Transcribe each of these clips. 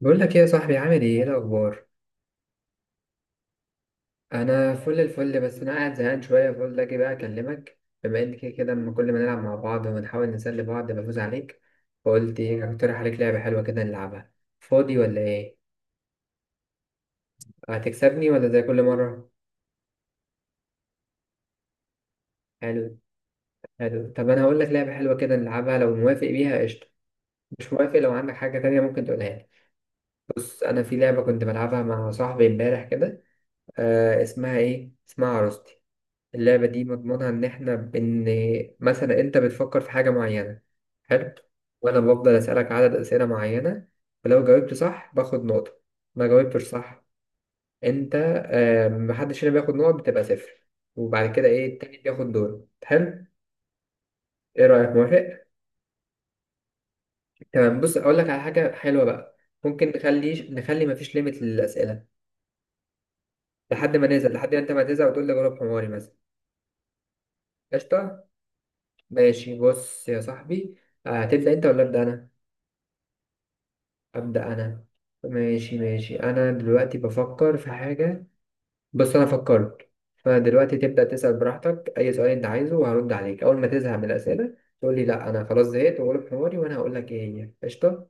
بقول لك ايه يا صاحبي، عامل ايه، ايه الاخبار؟ انا فل الفل، بس انا قاعد زهقان شويه، فقلت اجي بقى اكلمك، بما ان كده كده لما كل ما نلعب مع بعض ونحاول نسلي بعض بفوز عليك. فقلت ايه، اقترح عليك لعبه حلوه كده نلعبها. فاضي ولا ايه؟ هتكسبني ولا زي كل مره؟ حلو. حلو، طب انا هقول لك لعبه حلوه كده نلعبها، لو موافق بيها قشطه. مش موافق، لو عندك حاجه تانية ممكن تقولها لي. بص، انا في لعبه كنت بلعبها مع صاحبي امبارح كده. اسمها ايه، اسمها عروستي. اللعبة دي مضمونها إن إحنا مثلا أنت بتفكر في حاجة معينة. حلو. وأنا بفضل أسألك عدد أسئلة معينة. ولو جاوبت صح باخد نقطة. ما جاوبتش صح. أنت. محدش هنا بياخد نقط، بتبقى صفر. وبعد كده إيه، التاني بياخد دور، حلو. إيه رأيك موافق؟ تمام، بص أقول لك على حاجة حلوة بقى. ممكن نخلي مفيش ليميت للأسئلة. لحد ما أنت ما تزهق وتقول لي جاوب حماري مثلا. قشطة. ماشي، بص يا صاحبي. هتبدأ أنت ولا أبدأ أنا؟ أبدأ أنا. ماشي، ماشي. أنا دلوقتي بفكر في حاجة. بص، أنا فكرت. فدلوقتي تبدأ تسأل براحتك أي سؤال أنت عايزه، وهرد عليك. أول ما تزهق من الأسئلة تقول لي لأ أنا خلاص زهقت، وأقول حواري وأنا هقول لك إيه هي. قشطة.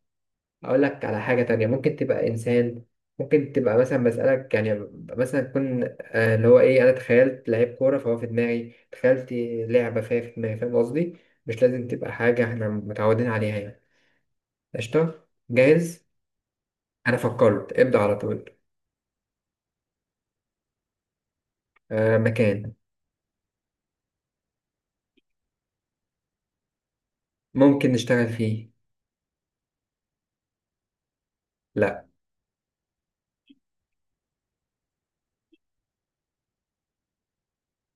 أقول لك على حاجة تانية، ممكن تبقى إنسان. ممكن تبقى مثلا، بسألك يعني. مثلا تكون، اللي هو إيه، أنا تخيلت لعيب كورة فهو في دماغي تخيلت. لعبة فهي في دماغي، فاهم قصدي. مش لازم تبقى حاجة إحنا متعودين عليها يعني. قشطة، جاهز. أنا فكرت، ابدأ على طول. آه، مكان. ممكن نشتغل فيه. لأ.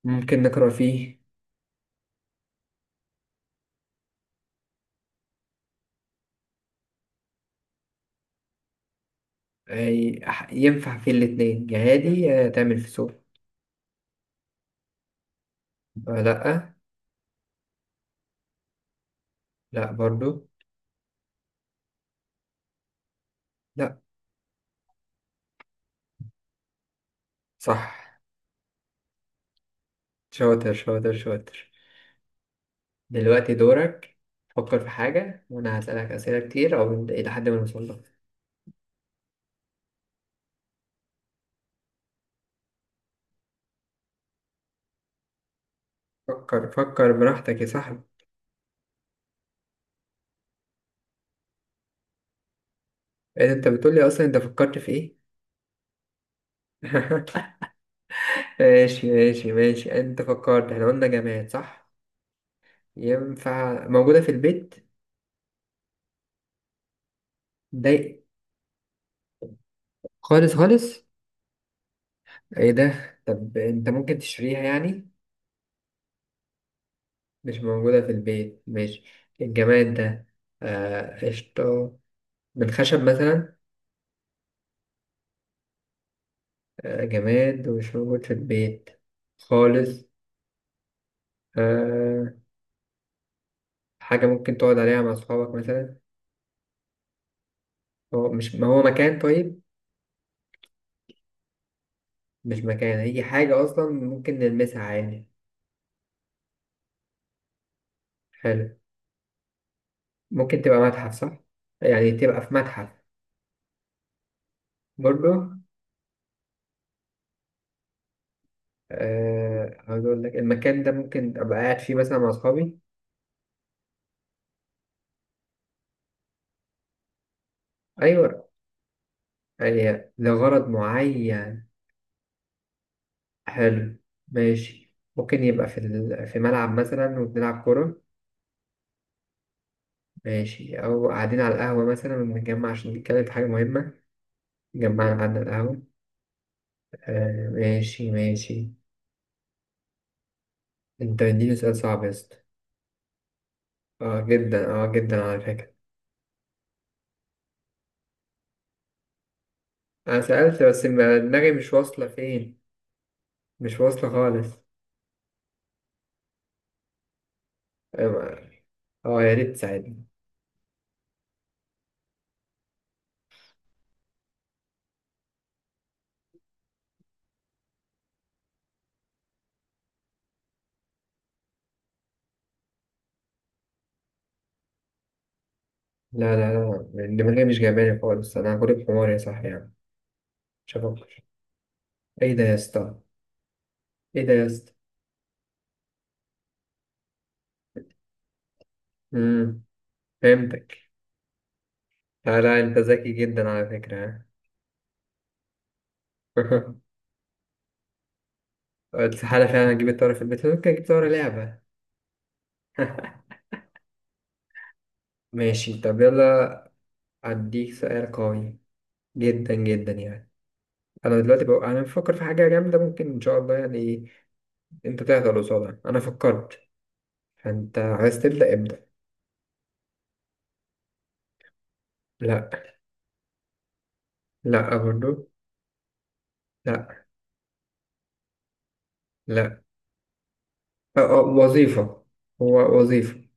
ممكن نقرأ فيه. أي ينفع فيه الاتنين جهادي، تعمل في سوق. آه، لأ. لأ برضو. لأ. صح. شاطر، شاطر، شاطر. دلوقتي دورك. فكر في حاجة وأنا هسألك أسئلة كتير، أو إلى حد ما نوصل لها. فكر، فكر براحتك يا صاحبي. إيه أنت بتقولي، أصلا أنت فكرت في إيه؟ ماشي، ماشي، ماشي. أنت فكرت، إحنا قلنا جماد صح؟ ينفع موجودة في البيت؟ ده. خالص، خالص. ايه ده؟ طب انت ممكن تشتريها يعني؟ مش موجودة في البيت، ماشي. الجماد ده. آه، قشطة. من خشب مثلا؟ آه، جماد ومش موجود في البيت. خالص. آه. حاجة ممكن تقعد عليها مع أصحابك مثلا؟ هو مش، ما هو مكان، طيب. مش مكان، هي حاجة أصلا ممكن نلمسها عادي؟ حلو. ممكن تبقى متحف، صح؟ يعني تبقى في متحف؟ برضو. أه، هقول لك المكان ده ممكن أبقى قاعد فيه مثلا مع أصحابي؟ أيوة. يعني لغرض معين. حلو. ماشي، ممكن يبقى في ملعب مثلا وبنلعب كورة. ماشي، أو قاعدين على القهوة مثلا وبنتجمع عشان نتكلم في حاجة مهمة. اتجمعنا قعدنا على القهوة. أه، ماشي، ماشي. أنت مديني سؤال صعب يا اسطى. أه جدا، أه جدا على فكرة. أنا سألت بس، دماغي مش واصلة فين. مش واصلة خالص. أه. يا ريت تساعدني. لا. لا، لا الدماغية مش جايباني خالص، أنا غريب حمار يا صاحبي يعني. مش هفكر. إيه ده يا اسطى؟ إيه ده يا اسطى؟ أمم فهمتك. لا، لا، أنت ذكي جدا على فكرة. ها. استحالة فعلا أجيب الطيارة في البيت، ممكن أجيب طيارة لعبة. ماشي، طب يلا. أديك سؤال قوي. جدا جدا يعني. أنا دلوقتي بقى، أنا بفكر في حاجة جامدة، ممكن إن شاء الله يعني، أنت تهدى قصادها. أنا فكرت. فأنت عايز تبدأ، ابدأ. لا. لا برضو. لا. لا. أه، أه، وظيفة. هو وظيفة.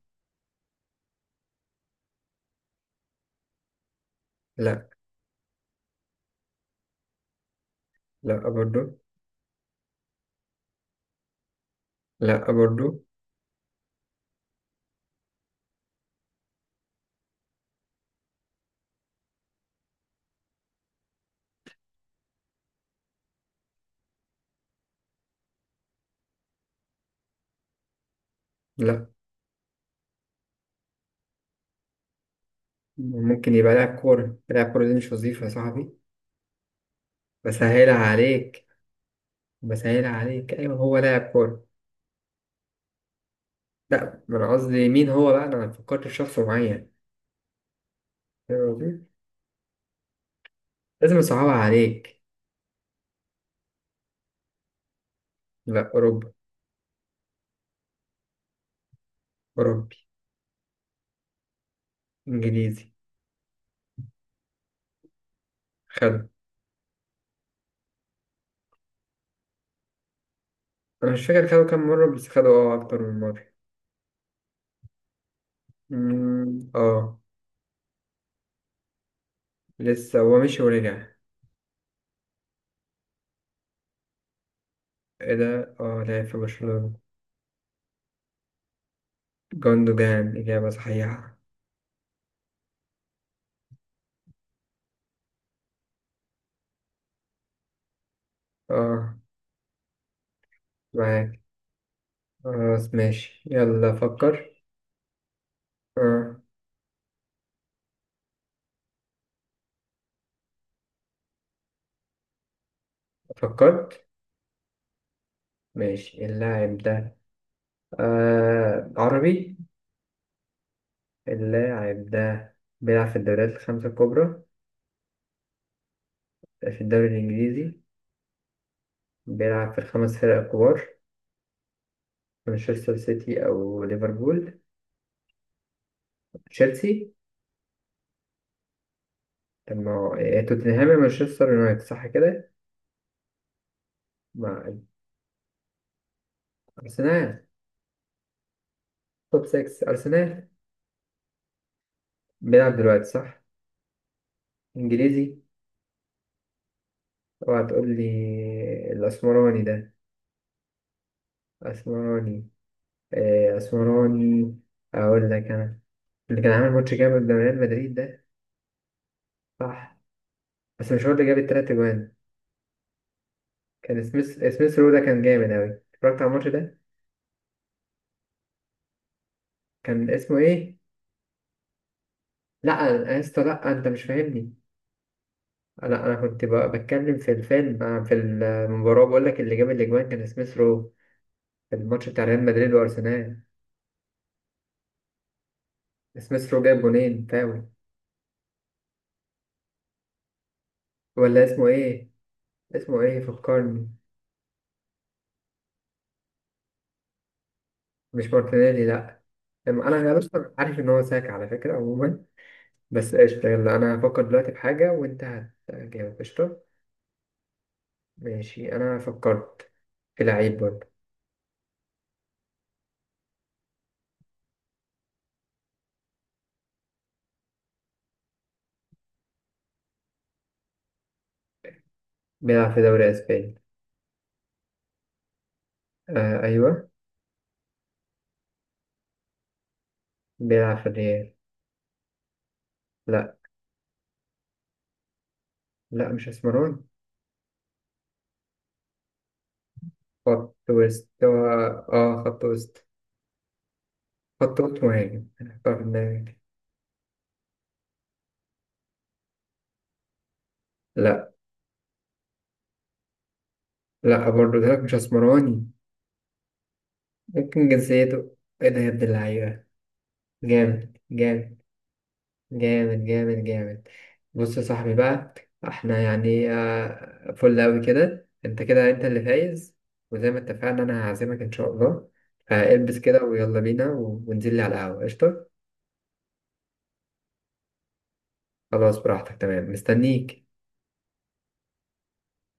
لا. لا برضو. لا برضو. لا. ممكن يبقى لاعب كورة، لاعب كورة دي مش وظيفة يا صاحبي. بسهلها عليك. بسهلها عليك، أيوة هو لاعب كورة. لا، ما أنا قصدي مين هو بقى، أنا ما فكرت في شخص معين. فاهم قصدي؟ لازم أصعبها عليك. لا، أوروبا. أوروبي. إنجليزي. خده. أنا مش فاكر خده كام مرة، بس خده أكتر من مرة. أمم، أه. لسه هو مشي ورجع. إيه ده، لعب في برشلونة. جوندوجان، إجابة صحيحة. أه، معاك. خلاص، ماشي، يلا فكر. آه. فكرت. ماشي، اللاعب ده. آه. عربي؟ اللاعب ده. بيلعب في الدوريات الخمسة الكبرى؟ في الدوري الإنجليزي؟ بيلعب في الخمس فرق الكبار؟ مانشستر سيتي أو ليفربول؟ تشيلسي؟ طب ما هو- توتنهام يا مانشستر يونايتد صح كده؟ مع. أرسنال. توب 6 أرسنال. بيلعب دلوقتي صح؟ إنجليزي. اوعى تقول لي الأسمراني ده. أسمراني؟ آه، أسمراني. أقول لك أنا. اللي كان عامل ماتش جامد ده، ريال مدريد ده؟ صح. بس مش هو اللي جاب التلات أجوان. كان سميث رو ده، كان جامد أوي اتفرجت على الماتش ده. كان اسمه إيه؟ لأ. يا اسطى لأ، أنت مش فاهمني. لأ، أنا كنت بتكلم في الفيلم، في المباراة، بقول لك اللي جاب الأجوان كان سميث رو. في الماتش بتاع ريال مدريد وأرسنال. سميث رو جاب جونين فاول. ولا اسمه إيه؟ اسمه إيه، فكرني. مش مارتينيلي، لأ. أنا أصلا عارف إن هو ساك على فكرة عموما. بس قشطة، يلا أنا هفكر دلوقتي في حاجة وأنت. هتجاوب، قشطة. ماشي. أنا فكرت. في لعيب برضه. بيلعب في دوري أسباني. آه، أيوه. بيلعب في الريال. لأ. لأ، مش أسمراني. خط وسط هو؟ آه، خط وسط. خط وسط مهاجم، أنا هختار في دماغي. لأ. لأ برضه، ده مش أسمراني. ممكن جنسيته. إيه ده يا ابن اللعيبة؟ جامد، جامد. جامد، جامد، جامد. بص يا صاحبي بقى. احنا يعني فل أوي، كده انت اللي فايز. وزي ما اتفقنا، انا هعزمك ان شاء الله. فالبس كده ويلا بينا وننزل لي على القهوة، قشطة. خلاص، براحتك، تمام، مستنيك.